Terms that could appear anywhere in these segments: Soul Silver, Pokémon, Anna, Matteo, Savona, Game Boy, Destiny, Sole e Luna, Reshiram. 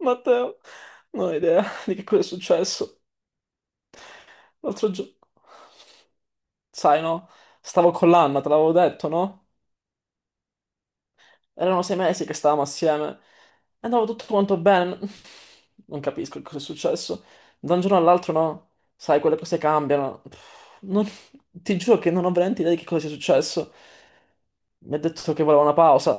Matteo, non ho idea di che cosa è successo. L'altro giorno, sai, no? Stavo con l'Anna, te l'avevo detto, no? Erano 6 mesi che stavamo assieme e andava tutto quanto bene. Non capisco che cosa è successo. Da un giorno all'altro, no? Sai, quelle cose cambiano. Pff, non- Ti giuro che non ho veramente idea di che cosa sia successo. Mi ha detto che voleva una pausa.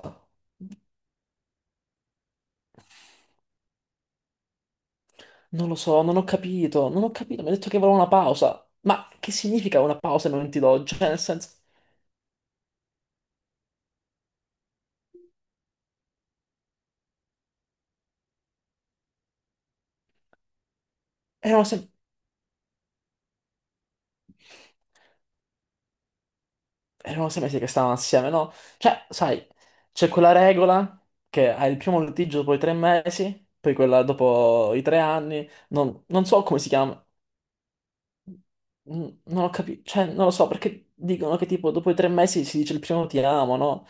Non lo so, non ho capito, non ho capito. Mi ha detto che voleva una pausa. Ma che significa una pausa ai momenti d'oggi? Cioè, nel senso, erano sempre erano 6 mesi che stavano assieme, no? Cioè, sai, c'è quella regola che hai il primo litigio dopo i 3 mesi, poi quella dopo i 3 anni, non so come si chiama. Non ho capito, cioè, non lo so, perché dicono che tipo dopo i 3 mesi si dice il primo ti amo, no?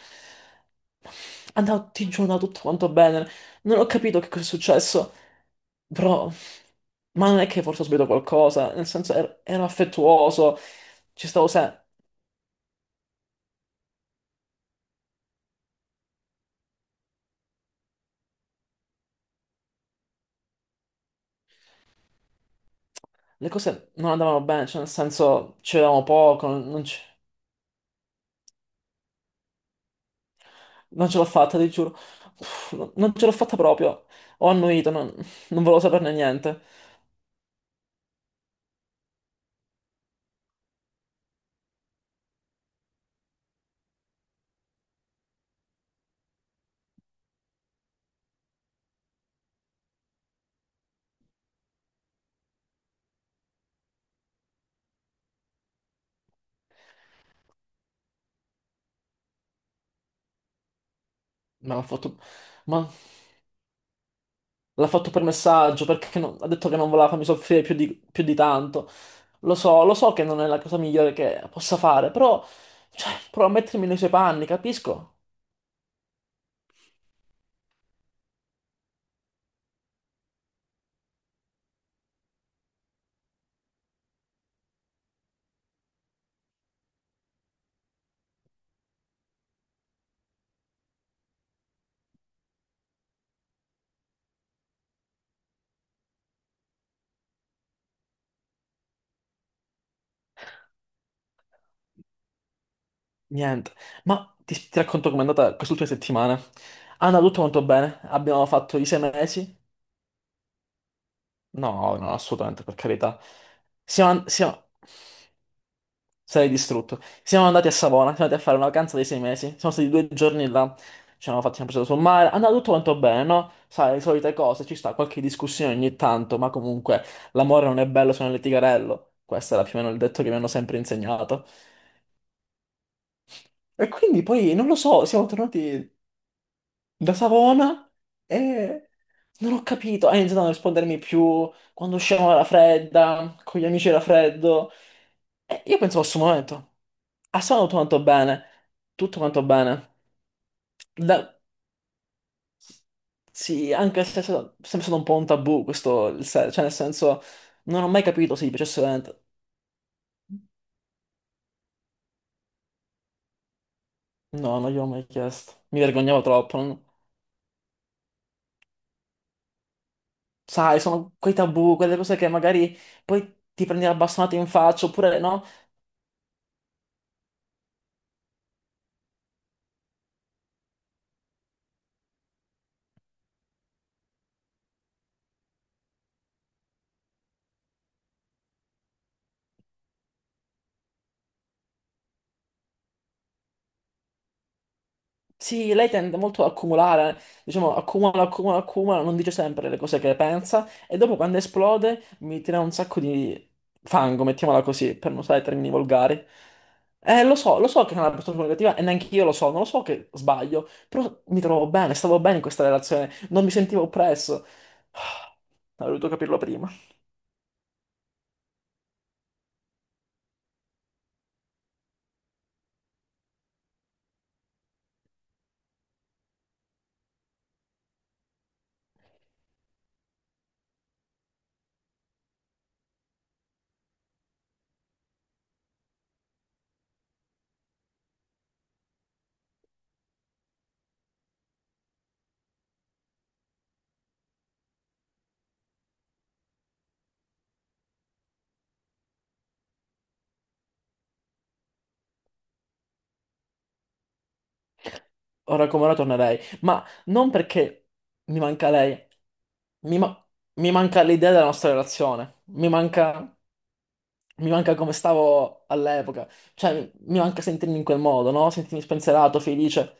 Andava, ti giuro, andava tutto quanto bene, non ho capito che cosa è successo, però, ma non è che forse ho sbagliato qualcosa, nel senso, ero affettuoso, ci stavo sempre. Le cose non andavano bene, cioè nel senso ci vedevamo poco, non ce l'ho fatta, ti giuro. Uff, non ce l'ho fatta proprio. Ho annuito, non volevo saperne niente. Ma l'ha fatto, ma l'ha fatto per messaggio, perché ha detto che non voleva farmi soffrire più di tanto. Lo so che non è la cosa migliore che possa fare, però, cioè, provo a mettermi nei suoi panni, capisco? Niente. Ma ti racconto com'è andata quest'ultima settimana. È andato tutto molto bene, abbiamo fatto i 6 mesi. No, no, assolutamente, per carità. Siamo, an- siamo... Sarei distrutto. Siamo andati a Savona, siamo andati a fare una vacanza di 6 mesi. Siamo stati 2 giorni là. Ci hanno fatto una presa sul mare. È andato tutto quanto bene, no? Sai, le solite cose, ci sta qualche discussione ogni tanto, ma comunque l'amore non è bello se non è litigarello. Questo era più o meno il detto che mi hanno sempre insegnato. E quindi poi, non lo so, siamo tornati da Savona e non ho capito. Ha iniziato a non rispondermi più, quando usciamo era fredda, con gli amici era freddo. E io pensavo a questo momento. Ha suonato tutto quanto bene. Tutto quanto bene. Da- Sì, anche se è sempre stato un po' un tabù questo, il se- cioè nel senso, non ho mai capito se gli piacesse veramente. No, non gliel'ho mai chiesto. Mi vergognavo troppo. Sai, sono quei tabù, quelle cose che magari poi ti prendi la bastonata in faccia, oppure no. Sì, lei tende molto ad accumulare, diciamo, accumula, accumula, accumula, non dice sempre le cose che pensa e dopo quando esplode mi tira un sacco di fango, mettiamola così, per non usare termini volgari. Lo so che è una persona negativa e neanche io lo so, non lo so che sbaglio, però mi trovo bene, stavo bene in questa relazione, non mi sentivo oppresso. Ah, avrei dovuto capirlo prima. Ora come ora tornerei, ma non perché mi manca lei, mi, ma- mi manca l'idea della nostra relazione, mi manca. Mi manca come stavo all'epoca, cioè mi manca sentirmi in quel modo, no? Sentirmi spensierato, felice,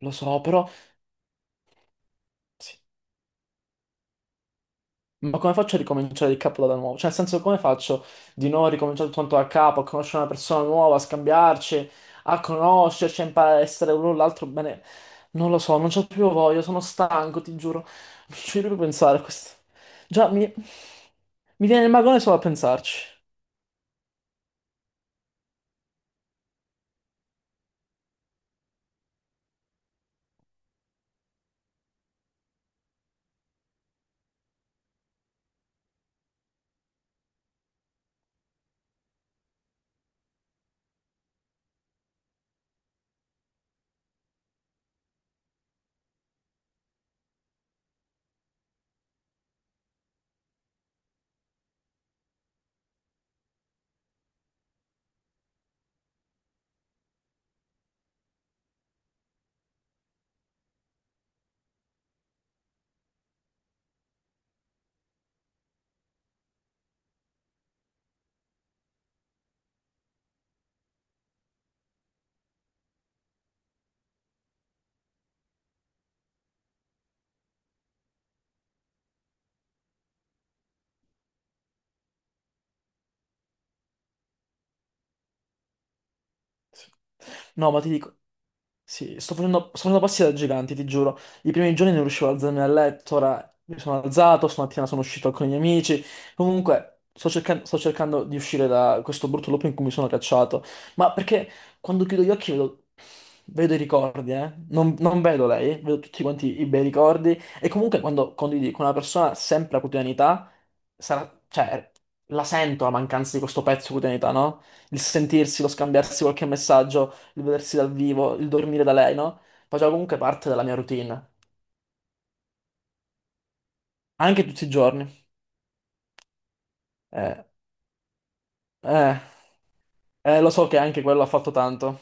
lo so, però sì. Ma come faccio a ricominciare il capo da nuovo? Cioè, nel senso, come faccio di nuovo a ricominciare tutto quanto da capo, a conoscere una persona nuova, a scambiarci, a conoscerci, a imparare a essere l'uno l'altro bene? Non lo so, non c'ho più voglia, sono stanco, ti giuro. Non ci voglio più pensare a questo. Già, mi viene il magone solo a pensarci. Sì. No, ma ti dico, sì, sto facendo passi da giganti, ti giuro. I primi giorni non riuscivo ad alzarmi dal letto, ora mi sono alzato, stamattina sono uscito con i miei amici. Comunque, sto cercando di uscire da questo brutto loop in cui mi sono cacciato. Ma perché quando chiudo gli occhi vedo, i ricordi, eh? Non vedo lei, vedo tutti quanti i bei ricordi. E comunque quando condividi con una persona sempre la quotidianità, sarà, cioè, la sento la mancanza di questo pezzo di quotidianità, no? Il sentirsi, lo scambiarsi qualche messaggio, il vedersi dal vivo, il dormire da lei, no? Faceva comunque parte della mia routine, anche tutti i giorni. Eh, eh, lo so che anche quello ha fatto tanto.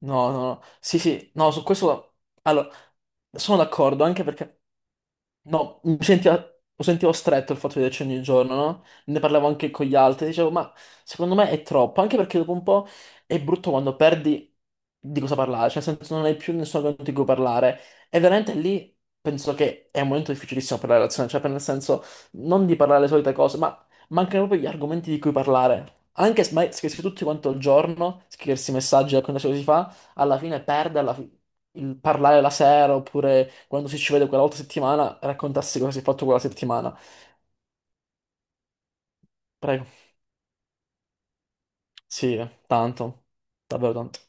No, no, no. Sì, sì, no, su questo. Allora, sono d'accordo, anche perché no, mi sentiva, lo sentivo stretto il fatto di vederci ogni giorno, no? Ne parlavo anche con gli altri, dicevo, ma secondo me è troppo, anche perché dopo un po' è brutto quando perdi di cosa parlare, cioè nel senso non hai più nessuno con cui parlare. E veramente lì penso che è un momento difficilissimo per la relazione, cioè per nel senso non di parlare le solite cose, ma mancano proprio gli argomenti di cui parlare. Anche se ma scriversi tutti quanto il giorno, scriversi messaggi, raccontarsi cosa si fa alla fine perde il parlare la sera oppure quando si ci vede quella volta a settimana raccontarsi cosa si è fatto quella settimana. Prego. Sì, tanto, davvero tanto.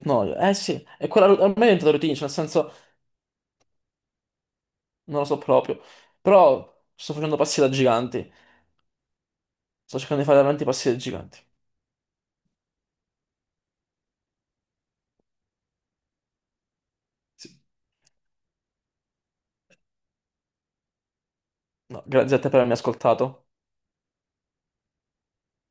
No, eh sì, e quella a me è diventata routine, cioè nel senso non lo so proprio, però sto facendo passi da giganti, sto cercando di fare veramente passi da giganti. Sì. No, grazie a te per avermi ascoltato.